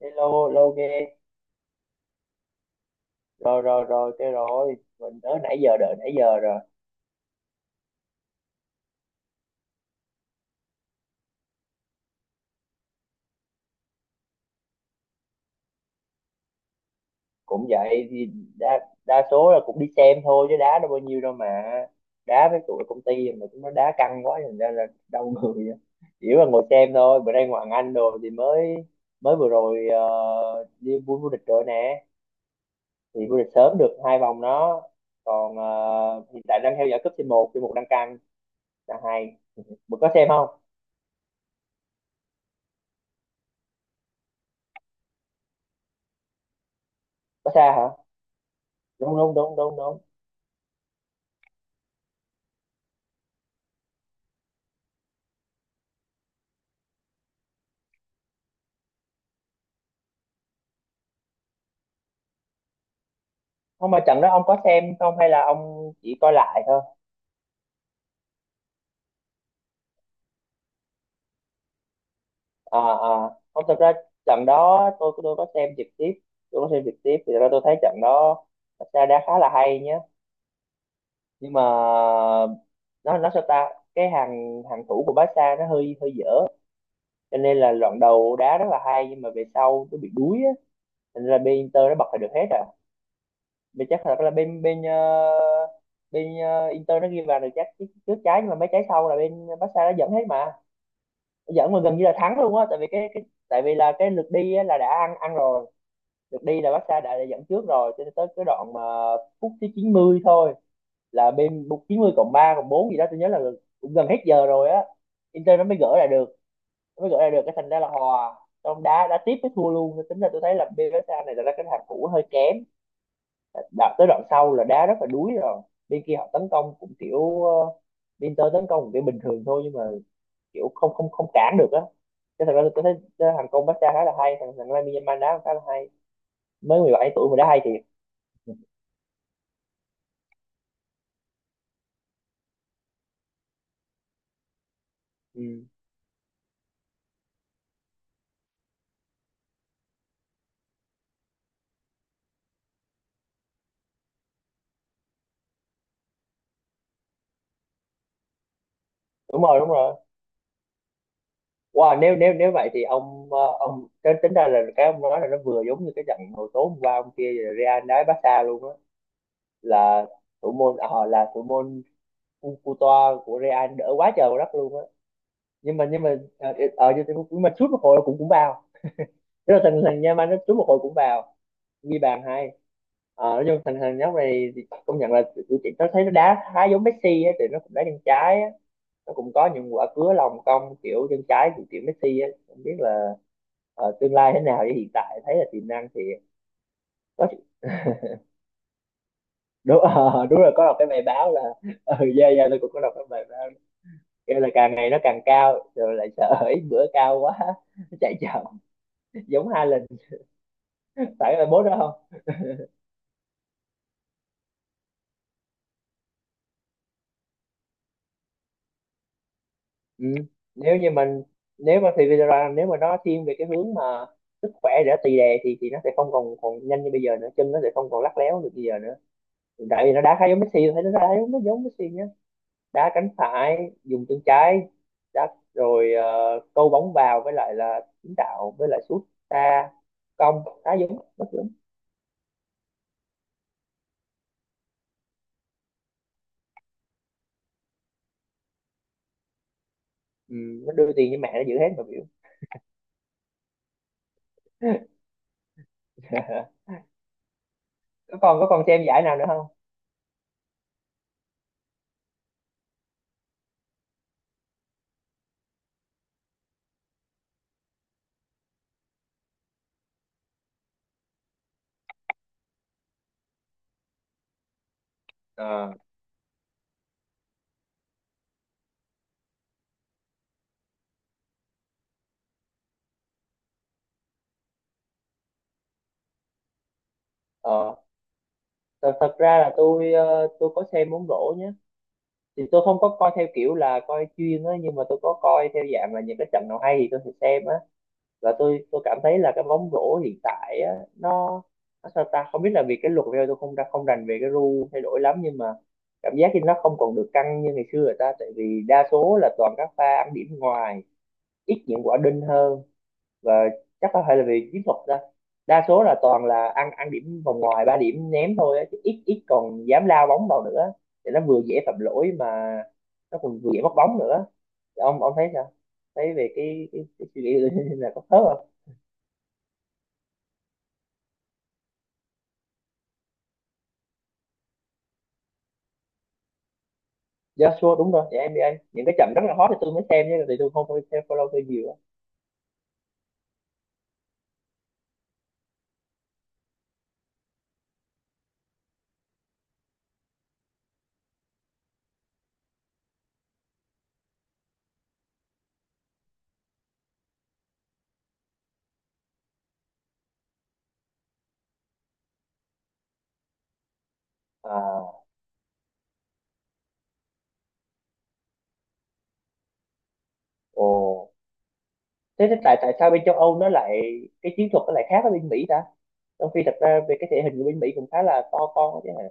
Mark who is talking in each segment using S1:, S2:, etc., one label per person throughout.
S1: Hello, hello ghê. Rồi, rồi, rồi, rồi mình tới nãy giờ, đợi nãy giờ rồi. Cũng vậy thì đa đa số là cũng đi xem thôi chứ đá đâu bao nhiêu đâu mà, đá với tụi công ty mà chúng nó đá căng quá thành ra là đau người á. Chỉ là ngồi xem thôi. Bữa nay Hoàng Anh rồi thì mới mới vừa rồi ờ, đi vô vô địch rồi nè, thì vô địch sớm được 2 vòng đó. Còn hiện tại đang theo dõi cúp C1 C1 đang căng, là hay. Bữa có xem không? Có xa hả? Đúng, đúng, đúng, đúng, đúng. Không mà trận đó ông có xem không hay là ông chỉ coi lại thôi? À, à, không, thật ra trận đó tôi có xem trực tiếp. Tôi có xem trực tiếp thì thật ra tôi thấy trận đó thật ra đã khá là hay nhé. Nhưng mà nó sao ta, cái hàng hàng thủ của Barca nó hơi hơi dở, cho nên là đoạn đầu đá rất là hay nhưng mà về sau nó bị đuối á, thành ra bên Inter nó bật lại được hết à. Bên chắc là bên bên ờ, Inter nó ghi vào được chắc trước trước trái, nhưng mà mấy trái sau là bên Barca nó dẫn hết mà, dẫn mà gần như là thắng luôn á, tại vì cái tại vì là cái lượt đi á, là đã ăn ăn rồi. Lượt đi là Barca đã dẫn trước rồi, cho nên tới cái đoạn mà phút thứ 90 thôi, là bên 90+3+4 gì đó tôi nhớ là, cũng gần hết giờ rồi á, Inter nó mới gỡ lại được. Nó mới gỡ lại được, cái thành ra là hòa, trong đá đá tiếp mới thua luôn. Tính là tôi thấy là bên Barca này là cái hàng thủ hơi kém, đạt tới đoạn sau là đá rất là đuối rồi, bên kia họ tấn công cũng kiểu Inter tấn công cũng kiểu bình thường thôi, nhưng mà kiểu không không không cản được á. Cái thật ra tôi thấy cái thằng Công Bách khá là hay, thằng thằng Lamine Yamal đá khá là hay, mới 17 tuổi mà đá hay thiệt. Ừ. Đúng rồi, đúng rồi. Wow, nếu nếu nếu vậy thì ông ông tính tính ra là cái ông nói là nó vừa giống như cái trận hồi tối hôm qua ông kia, Real đá Barca luôn á, là thủ môn à, là thủ môn Cu- Courtois của Real đỡ quá trời quá đất luôn á. Nhưng mà nhưng mà ở nhưng mà sút một hồi cũng cũng vào. Tức là thằng thằng Yamal nó sút một hồi cũng vào, ghi bàn hay. Ờ, nói chung thằng thằng nhóc này thì công nhận là tụi chị nó thấy nó đá khá giống Messi á, thì nó cũng đá chân trái á, nó cũng có những quả cứa lòng cong kiểu chân trái của kiểu Messi á, không biết là tương lai thế nào chứ hiện tại thấy là tiềm năng thì có. Đúng, đúng rồi, có đọc cái bài báo là, ừ, dạ, dạ, tôi cũng có đọc cái bài báo kêu là càng ngày nó càng cao, rồi lại sợ ít bữa cao quá nó chạy chậm giống hai lần, phải là bố đó. Ừ. Nếu như mình, nếu mà thì Vidra, nếu mà nó thiên về cái hướng mà sức khỏe để tì đè thì nó sẽ không còn còn nhanh như bây giờ nữa, chân nó sẽ không còn lắc léo được bây giờ nữa, tại vì nó đá khá giống Messi, thấy nó đá giống nó giống Messi nhá, đá cánh phải dùng chân trái, đá rồi câu bóng vào với lại là kiến tạo với lại sút xa cong, đá giống nó giống. Ừ, nó đưa tiền cho mẹ nó giữ hết mà biểu. Có còn, có còn xem giải nào nữa không? Ờ. Ờ, thật ra là tôi, tôi có xem bóng rổ nhé, thì tôi không có coi theo kiểu là coi chuyên á, nhưng mà tôi có coi theo dạng là những cái trận nào hay thì tôi sẽ xem á. Và tôi cảm thấy là cái bóng rổ hiện tại á, nó sao ta, không biết là vì cái luật bây giờ tôi không rành về cái rule thay đổi lắm, nhưng mà cảm giác như nó không còn được căng như ngày xưa rồi ta, tại vì đa số là toàn các pha ăn điểm ngoài, ít những quả đinh hơn. Và chắc có thể là vì chiến thuật đó, đa số là toàn là ăn ăn điểm vòng ngoài, 3 điểm ném thôi á, chứ ít ít còn dám lao bóng vào nữa, thì nó vừa dễ phạm lỗi mà, nó còn vừa dễ mất bóng nữa. Thì ông thấy sao, thấy về cái suy nghĩ của Linh là có khớp không? Joshua đúng rồi, dạ, NBA những cái trận rất là hot thì tôi mới xem chứ, thì tôi không có xem follow tôi nhiều á. À. Ồ. Thế tại tại sao bên châu Âu nó lại cái chiến thuật nó lại khác ở bên Mỹ ta, trong khi thật ra về cái thể hình của bên Mỹ cũng khá là to con chứ hả?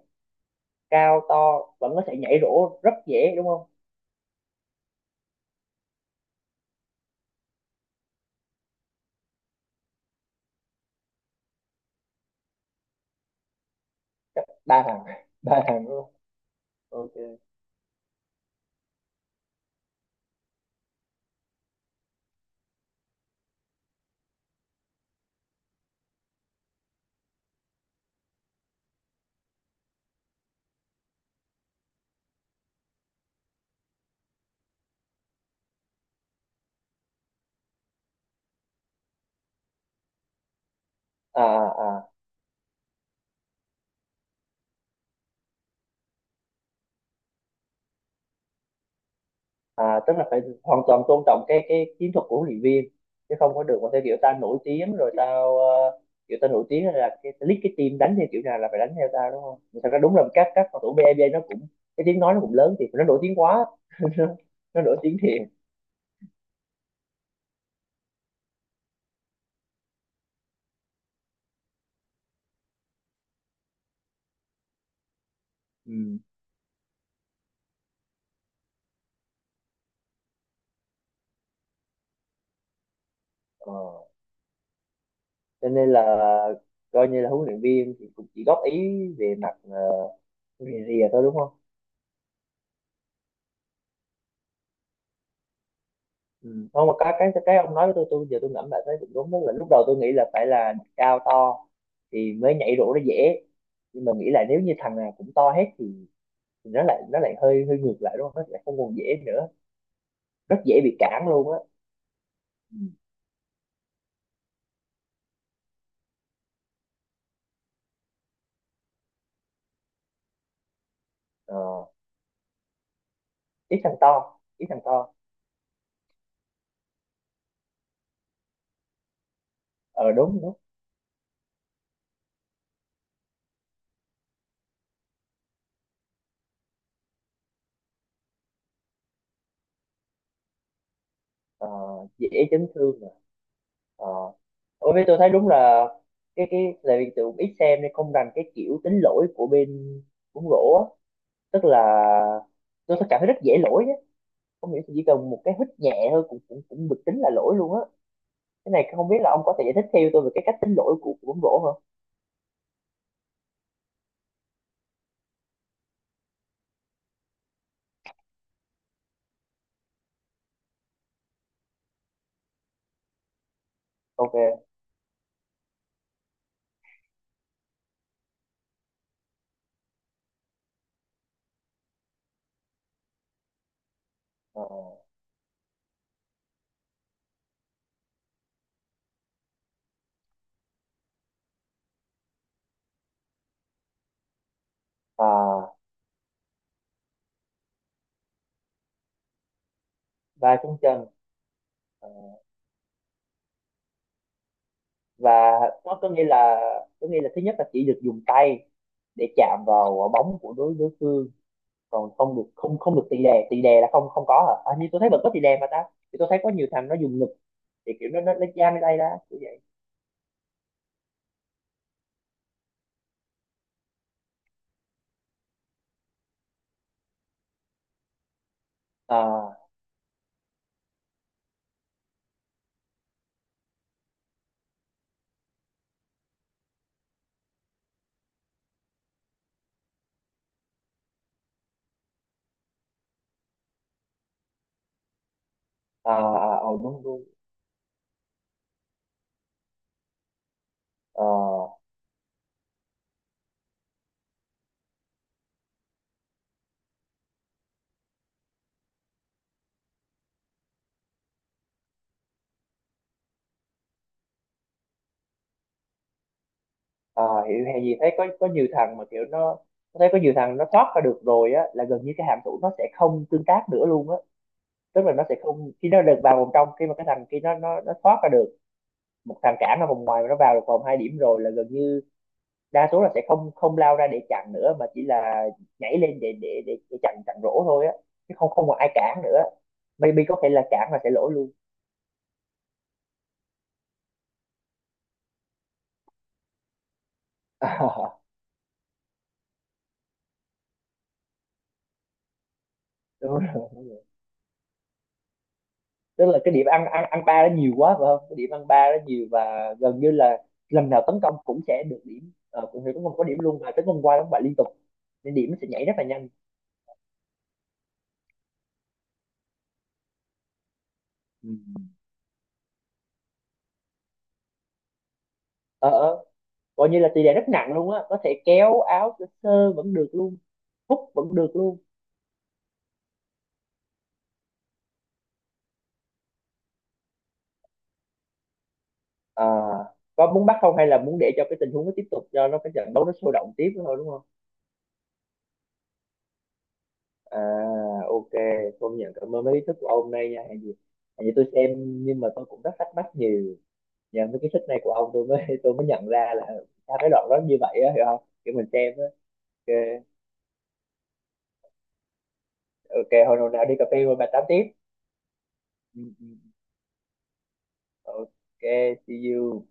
S1: Cao to vẫn có thể nhảy rổ rất dễ đúng không? Ba thằng à? Ba thằng đúng không? OK. À. À. À, tức là phải hoàn toàn tôn trọng cái chiến thuật của huấn luyện viên, chứ không có được mà theo kiểu ta nổi tiếng rồi tao kiểu ta nổi tiếng là cái ta lead cái team đánh theo kiểu nào là phải đánh theo tao đúng không? Thật ra đúng là các cầu thủ BNB nó cũng cái tiếng nói nó cũng lớn, thì nó nổi tiếng quá, nó nổi tiếng thiệt. Ừ. Ờ. Cho nên là coi như là huấn luyện viên thì cũng chỉ góp ý về mặt rìa, thôi đúng không? Ừ. Không mà cái ông nói với tôi giờ tôi ngẫm lại thấy cũng đúng, đó là lúc đầu tôi nghĩ là phải là cao to thì mới nhảy rổ nó dễ, nhưng mà nghĩ lại nếu như thằng nào cũng to hết thì nó lại hơi hơi ngược lại đúng không, nó lại không còn dễ nữa, rất dễ bị cản luôn á. Ừ. Ờ, ít thằng to, ít thằng to. Ờ, đúng, đúng. Ờ, dễ chấn thương mà. Ờ. Ủa, với tôi thấy đúng là cái, tại vì tôi cũng ít xem nên không rành cái kiểu tính lỗi của bên bóng rổ á, tức là tôi thấy cảm thấy rất dễ lỗi, không hiểu chỉ cần một cái hít nhẹ thôi cũng cũng cũng được tính là lỗi luôn á. Cái này không biết là ông có thể giải thích theo tôi về cái cách tính lỗi của bóng rổ không? OK. Ờ, à, và trong chân. Ờ, và nó có nghĩa là, có nghĩa là thứ nhất là chỉ được dùng tay để chạm vào bóng của đối đối phương, còn không được, không không được tì đè, tì đè là không, không có hả? À, như tôi thấy vẫn có tì đè mà ta, thì tôi thấy có nhiều thằng nó dùng ngực, thì kiểu nó lấy giam lên tay ra kiểu vậy. À, à, à, ờ, đúng, đúng. Ờ. Ờ, hiểu hay gì thấy có nhiều thằng mà kiểu nó thấy có nhiều thằng nó thoát ra được rồi á là gần như cái hàm thủ nó sẽ không tương tác nữa luôn á. Tức là nó sẽ không, khi nó được vào vòng trong, khi mà cái thằng khi nó thoát ra được, một thằng cản ở vòng ngoài mà nó vào được vòng 2 điểm rồi là gần như đa số là sẽ không không lao ra để chặn nữa, mà chỉ là nhảy lên để để chặn chặn rổ thôi á, chứ không không còn ai cản nữa, maybe có thể là cản là sẽ lỗi luôn. Đúng rồi. Tức là cái điểm ăn ăn ăn 3 nó nhiều quá phải không, cái điểm ăn 3 nó nhiều, và gần như là lần nào tấn công cũng sẽ được điểm, cũng sẽ tấn công có điểm luôn, và tấn công qua đóng bại liên tục, nên điểm nó sẽ nhảy rất là nhanh. Ừ. ờ ờ, Coi như là tỷ lệ rất nặng luôn á, có thể kéo áo sơ sơ vẫn được luôn, hút vẫn được luôn. À, có muốn bắt không hay là muốn để cho cái tình huống nó tiếp tục cho nó cái trận đấu nó sôi động tiếp nữa thôi đúng không? À. OK. Công nhận, cảm ơn mấy ý thức của ông hôm nay nha, hẹn gì. Hẹn gì tôi xem, nhưng mà tôi cũng rất thắc mắc nhiều, nhờ mấy cái thích này của ông tôi mới tôi mới nhận ra là sao cái đoạn đó như vậy á, hiểu không, kiểu mình xem á. OK. OK, hồi nào nào đi cà phê rồi bà tám tiếp. Ừ, ừ. Ừ. OK. See you.